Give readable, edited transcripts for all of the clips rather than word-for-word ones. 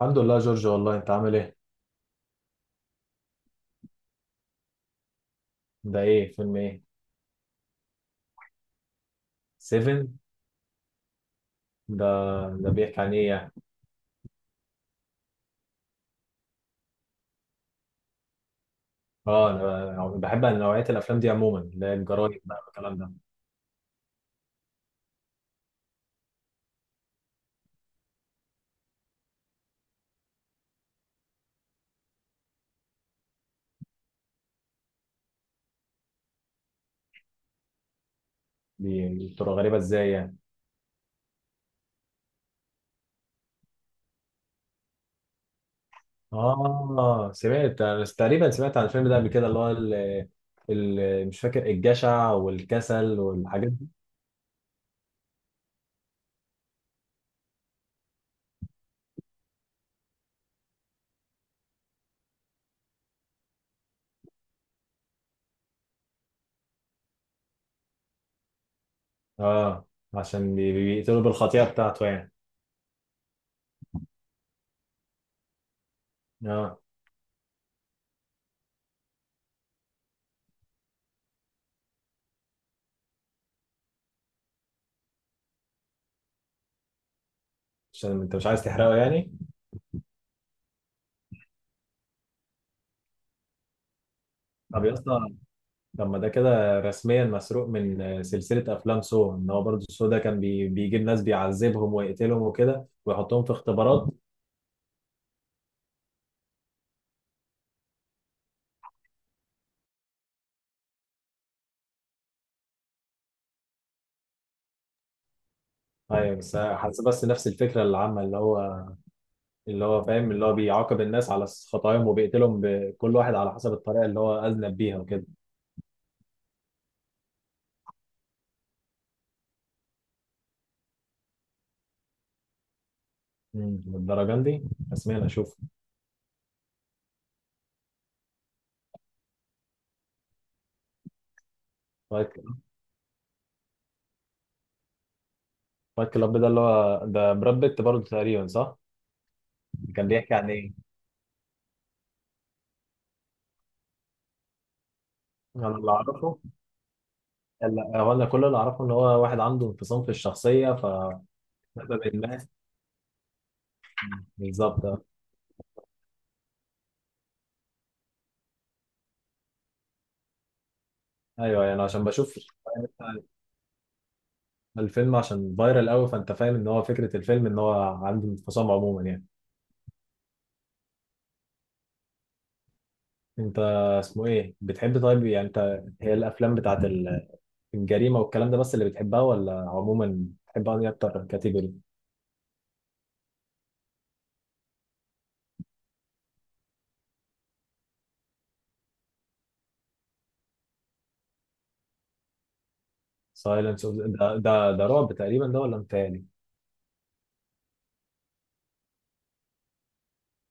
الحمد لله يا جورج، والله انت عامل ايه؟ ده ايه؟ فيلم ايه؟ 7؟ ده ده بيحكي عن ايه يعني؟ اه انا بحب نوعية الافلام دي عموما اللي هي الجرايم بقى والكلام ده. دي بتبقى غريبة ازاي يعني؟ اه سمعت انا تقريبا، سمعت عن الفيلم ده قبل كده اللي هو مش فاكر الجشع والكسل والحاجات دي. اه عشان بيقتلوا بالخطيئة بتاعته يعني. اه عشان انت مش عايز تحرقه يعني. طب يا اسطى، طب ما ده كده رسميا مسروق من سلسلة أفلام سو، إن هو برضه سو ده كان بيجيب ناس بيعذبهم ويقتلهم وكده ويحطهم في اختبارات. أيوة بس حاسس، بس نفس الفكرة العامة اللي هو فاهم اللي هو بيعاقب الناس على خطاياهم وبيقتلهم بكل واحد على حسب الطريقة اللي هو أذنب بيها وكده. للدرجة دي؟ رسميا أشوف. فايت فايت كلاب ده اللي هو ده براد بيت برضه تقريبا، صح؟ كان بيحكي عن إيه؟ أنا اللي أعرفه لا، هو أنا كل اللي أعرفه إن هو واحد عنده انفصام في الشخصية. ف سبب ما بالظبط آه. ايوه يعني عشان بشوف الفيلم، عشان فايرال قوي فانت فاهم ان هو فكره الفيلم ان هو عنده انفصام عموما يعني. انت اسمه ايه بتحب طيب؟ يعني انت هي الافلام بتاعت الجريمه والكلام ده بس اللي بتحبها، ولا عموما بتحب انهي اكتر كاتيجوري؟ سايلنس اوف ده رعب تقريبا، ده ولا متهيألي؟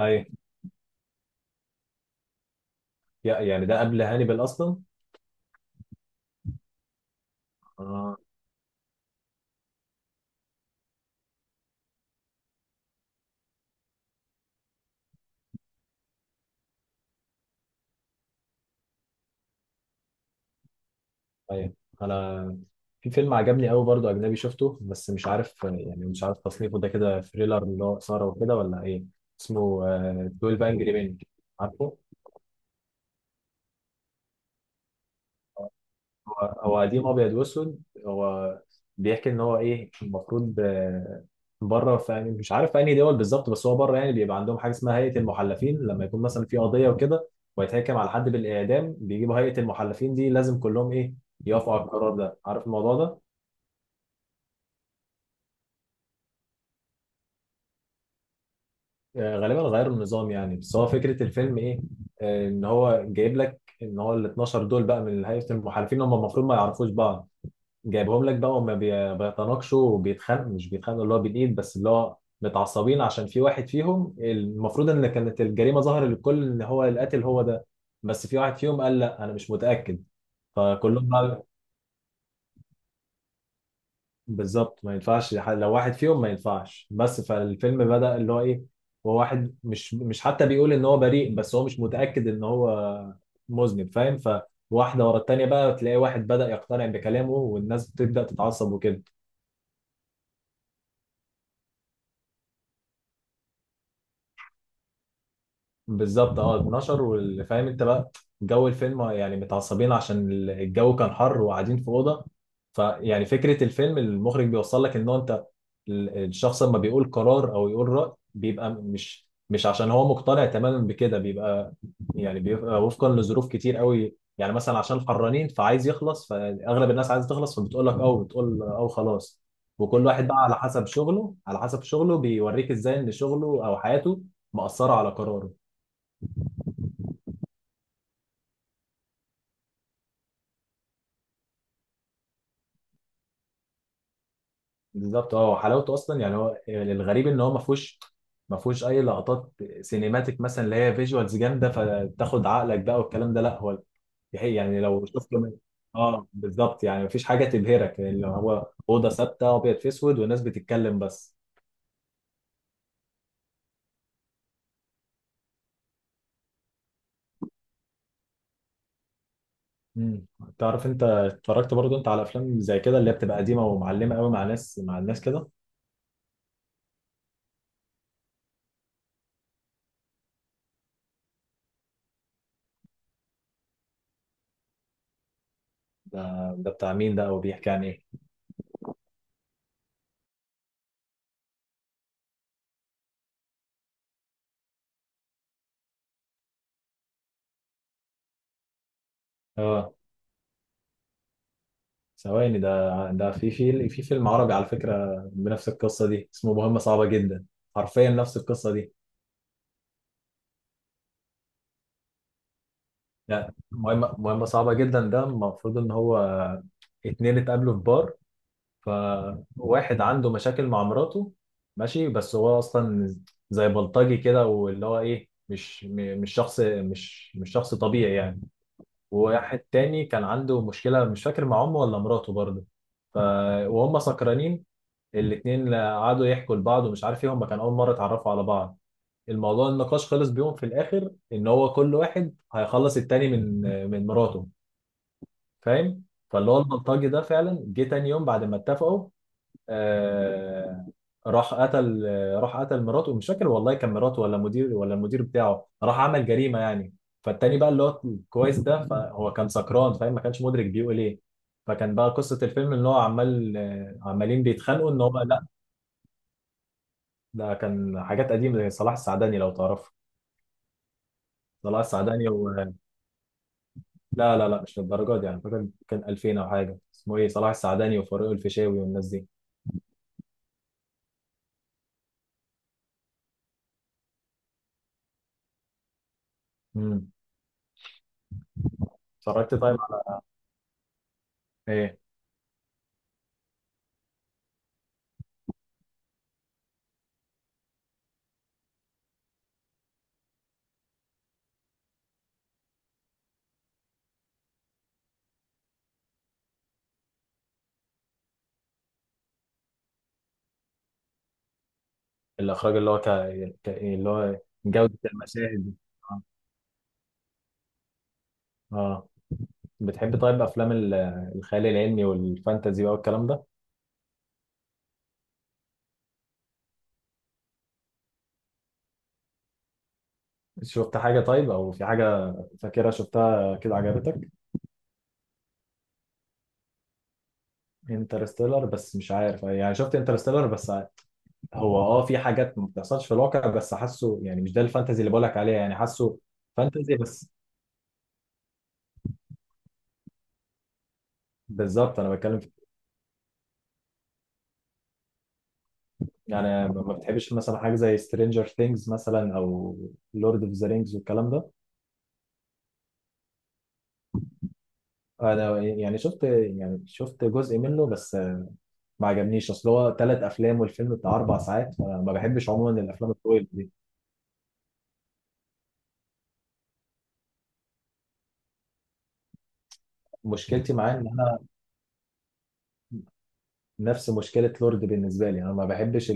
ايوه. يعني ده قبل هانيبال اصلا. اه. ايوه انا، في فيلم عجبني قوي برضو اجنبي شفته بس مش عارف يعني، مش عارف تصنيفه ده كده ثريلر اللي هو اثاره وكده ولا ايه. اسمه 12 انجري مان، عارفه؟ هو هو قديم ابيض واسود. هو بيحكي ان هو ايه المفروض، بره في يعني مش عارف في انهي دول بالظبط، بس هو بره يعني بيبقى عندهم حاجه اسمها هيئه المحلفين لما يكون مثلا في قضيه وكده ويتحكم على حد بالاعدام، بيجيبوا هيئه المحلفين دي لازم كلهم ايه، يوافقوا على القرار ده، عارف الموضوع ده؟ غالبا غيروا النظام يعني. بس هو فكرة الفيلم ايه، ان هو جايب لك ان هو ال 12 دول بقى من هيئة المحالفين هم المفروض ما يعرفوش بعض، جايبهم لك بقى وما بيتناقشوا وبيتخانقوا، مش بيتخانقوا اللي هو بالايد، بس اللي هو متعصبين عشان في واحد فيهم المفروض ان كانت الجريمة ظاهرة للكل ان هو القاتل هو ده، بس في واحد فيهم قال لا انا مش متأكد. فكلهم بقى بالظبط ما ينفعش، لو واحد فيهم ما ينفعش بس، فالفيلم بدأ اللي هو ايه. هو واحد مش حتى بيقول ان هو بريء، بس هو مش متأكد ان هو مذنب، فاهم؟ فواحدة ورا التانية بقى تلاقي واحد بدأ يقتنع بكلامه والناس بتبدأ تتعصب وكده. بالظبط اه، 12، واللي فاهم انت بقى جو الفيلم يعني متعصبين عشان الجو كان حر وقاعدين في اوضه. فيعني فكره الفيلم المخرج بيوصل لك ان هو انت الشخص لما بيقول قرار او يقول راي بيبقى مش عشان هو مقتنع تماما بكده، بيبقى يعني بيبقى وفقا لظروف كتير قوي يعني، مثلا عشان حرانين فعايز يخلص، فاغلب الناس عايزه تخلص فبتقول لك او بتقول او خلاص. وكل واحد بقى على حسب شغله، على حسب شغله بيوريك ازاي ان شغله او حياته مأثره على قراره. بالظبط اه، حلاوته اصلا يعني هو الغريب ان هو ما فيهوش، ما فيهوش اي لقطات سينيماتيك مثلا اللي هي فيجوالز جامده فتاخد عقلك بقى والكلام ده، لا هو، هي يعني لو شفته من... اه بالظبط يعني ما فيش حاجه تبهرك يعني، اللي هو اوضه ثابته ابيض في اسود والناس بتتكلم بس. امم، تعرف انت اتفرجت برضو انت على افلام زي كده اللي هي بتبقى قديمه ومعلمه قوي مع مع الناس كده؟ ده ده بتاع مين ده وبيحكي عن ايه؟ اه ثواني، ده في فيلم عربي على فكرة بنفس القصة دي اسمه مهمة صعبة جدا، حرفيا نفس القصة دي. لا مهمة صعبة جدا ده المفروض ان هو اتنين اتقابلوا في بار، فواحد عنده مشاكل مع مراته، ماشي، بس هو اصلا زي بلطجي كده واللي هو ايه، مش م- مش شخص مش مش شخص طبيعي يعني. وواحد تاني كان عنده مشكلة مش فاكر مع امه ولا مراته برضه. ف... وهم سكرانين الاتنين، قعدوا يحكوا لبعض ومش عارف ايه، هم كان اول مره اتعرفوا على بعض. الموضوع النقاش خلص بيهم في الاخر ان هو كل واحد هيخلص التاني من، مراته، فاهم؟ فاللي هو البلطجي ده فعلا جه تاني يوم بعد ما اتفقوا، آه، راح قتل راح قتل مراته، مش فاكر والله كان مراته ولا مدير ولا المدير بتاعه، راح عمل جريمه يعني. فالتاني بقى اللي هو كويس ده، فهو كان سكران فاهم ما كانش مدرك بيقول ايه. فكان بقى قصه الفيلم ان هو عمالين بيتخانقوا ان هو... ده كان حاجات قديمة زي صلاح السعداني لو تعرفه. صلاح السعداني و... لا لا لا مش للدرجة دي يعني، فاكر كان 2000 أو حاجة، اسمه إيه، صلاح السعداني وفاروق الفيشاوي والناس دي. امم، اتفرجت طيب على إيه؟ الإخراج اللي هو إيه اللي هو جودة المشاهد دي. آه. آه بتحب طيب أفلام الخيال العلمي والفانتازي بقى والكلام ده؟ شفت حاجة طيب، أو في حاجة فاكرها شفتها كده عجبتك؟ انترستيلر، بس مش عارف يعني شفت انترستيلر بس، هو اه في حاجات ما بتحصلش في الواقع بس حاسه يعني مش ده الفانتزي اللي بقولك عليها، يعني حاسه فانتزي بس. بالظبط انا بتكلم في... يعني ما بتحبش مثلا حاجه زي سترينجر ثينجز مثلا او لورد اوف ذا رينجز والكلام ده؟ انا يعني شفت جزء منه بس ما عجبنيش، اصل هو ثلاث افلام والفيلم بتاع اربع ساعات، فانا ما بحبش عموما الافلام الطويله دي. مشكلتي معاه ان انا، نفس مشكله لورد بالنسبه لي، انا ما بحبش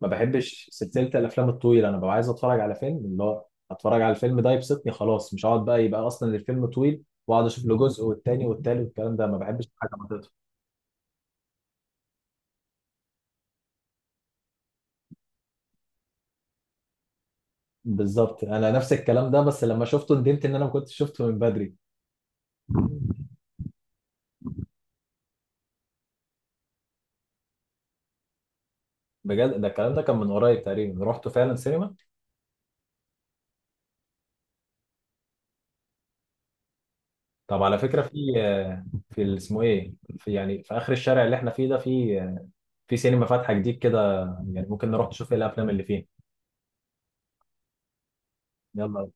ما بحبش سلسله الافلام الطويله. انا ببقى عايز اتفرج على فيلم اللي هو اتفرج على الفيلم ده يبسطني خلاص، مش هقعد بقى يبقى اصلا الفيلم طويل واقعد اشوف له جزء والتاني والتالت والكلام ده، ما بحبش حاجه ما تقطع. بالظبط انا نفس الكلام ده، بس لما شفته ندمت ان انا ما كنتش شفته من بدري. بجد، ده الكلام ده كان من قريب تقريبا رحت فعلا سينما. طب على فكره، في، اسمه ايه، يعني في اخر الشارع اللي احنا فيه ده، في، سينما فاتحه جديد كده، يعني ممكن نروح نشوف ايه الافلام اللي فيه. يلا،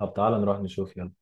طب تعالى نروح نشوف. يلا.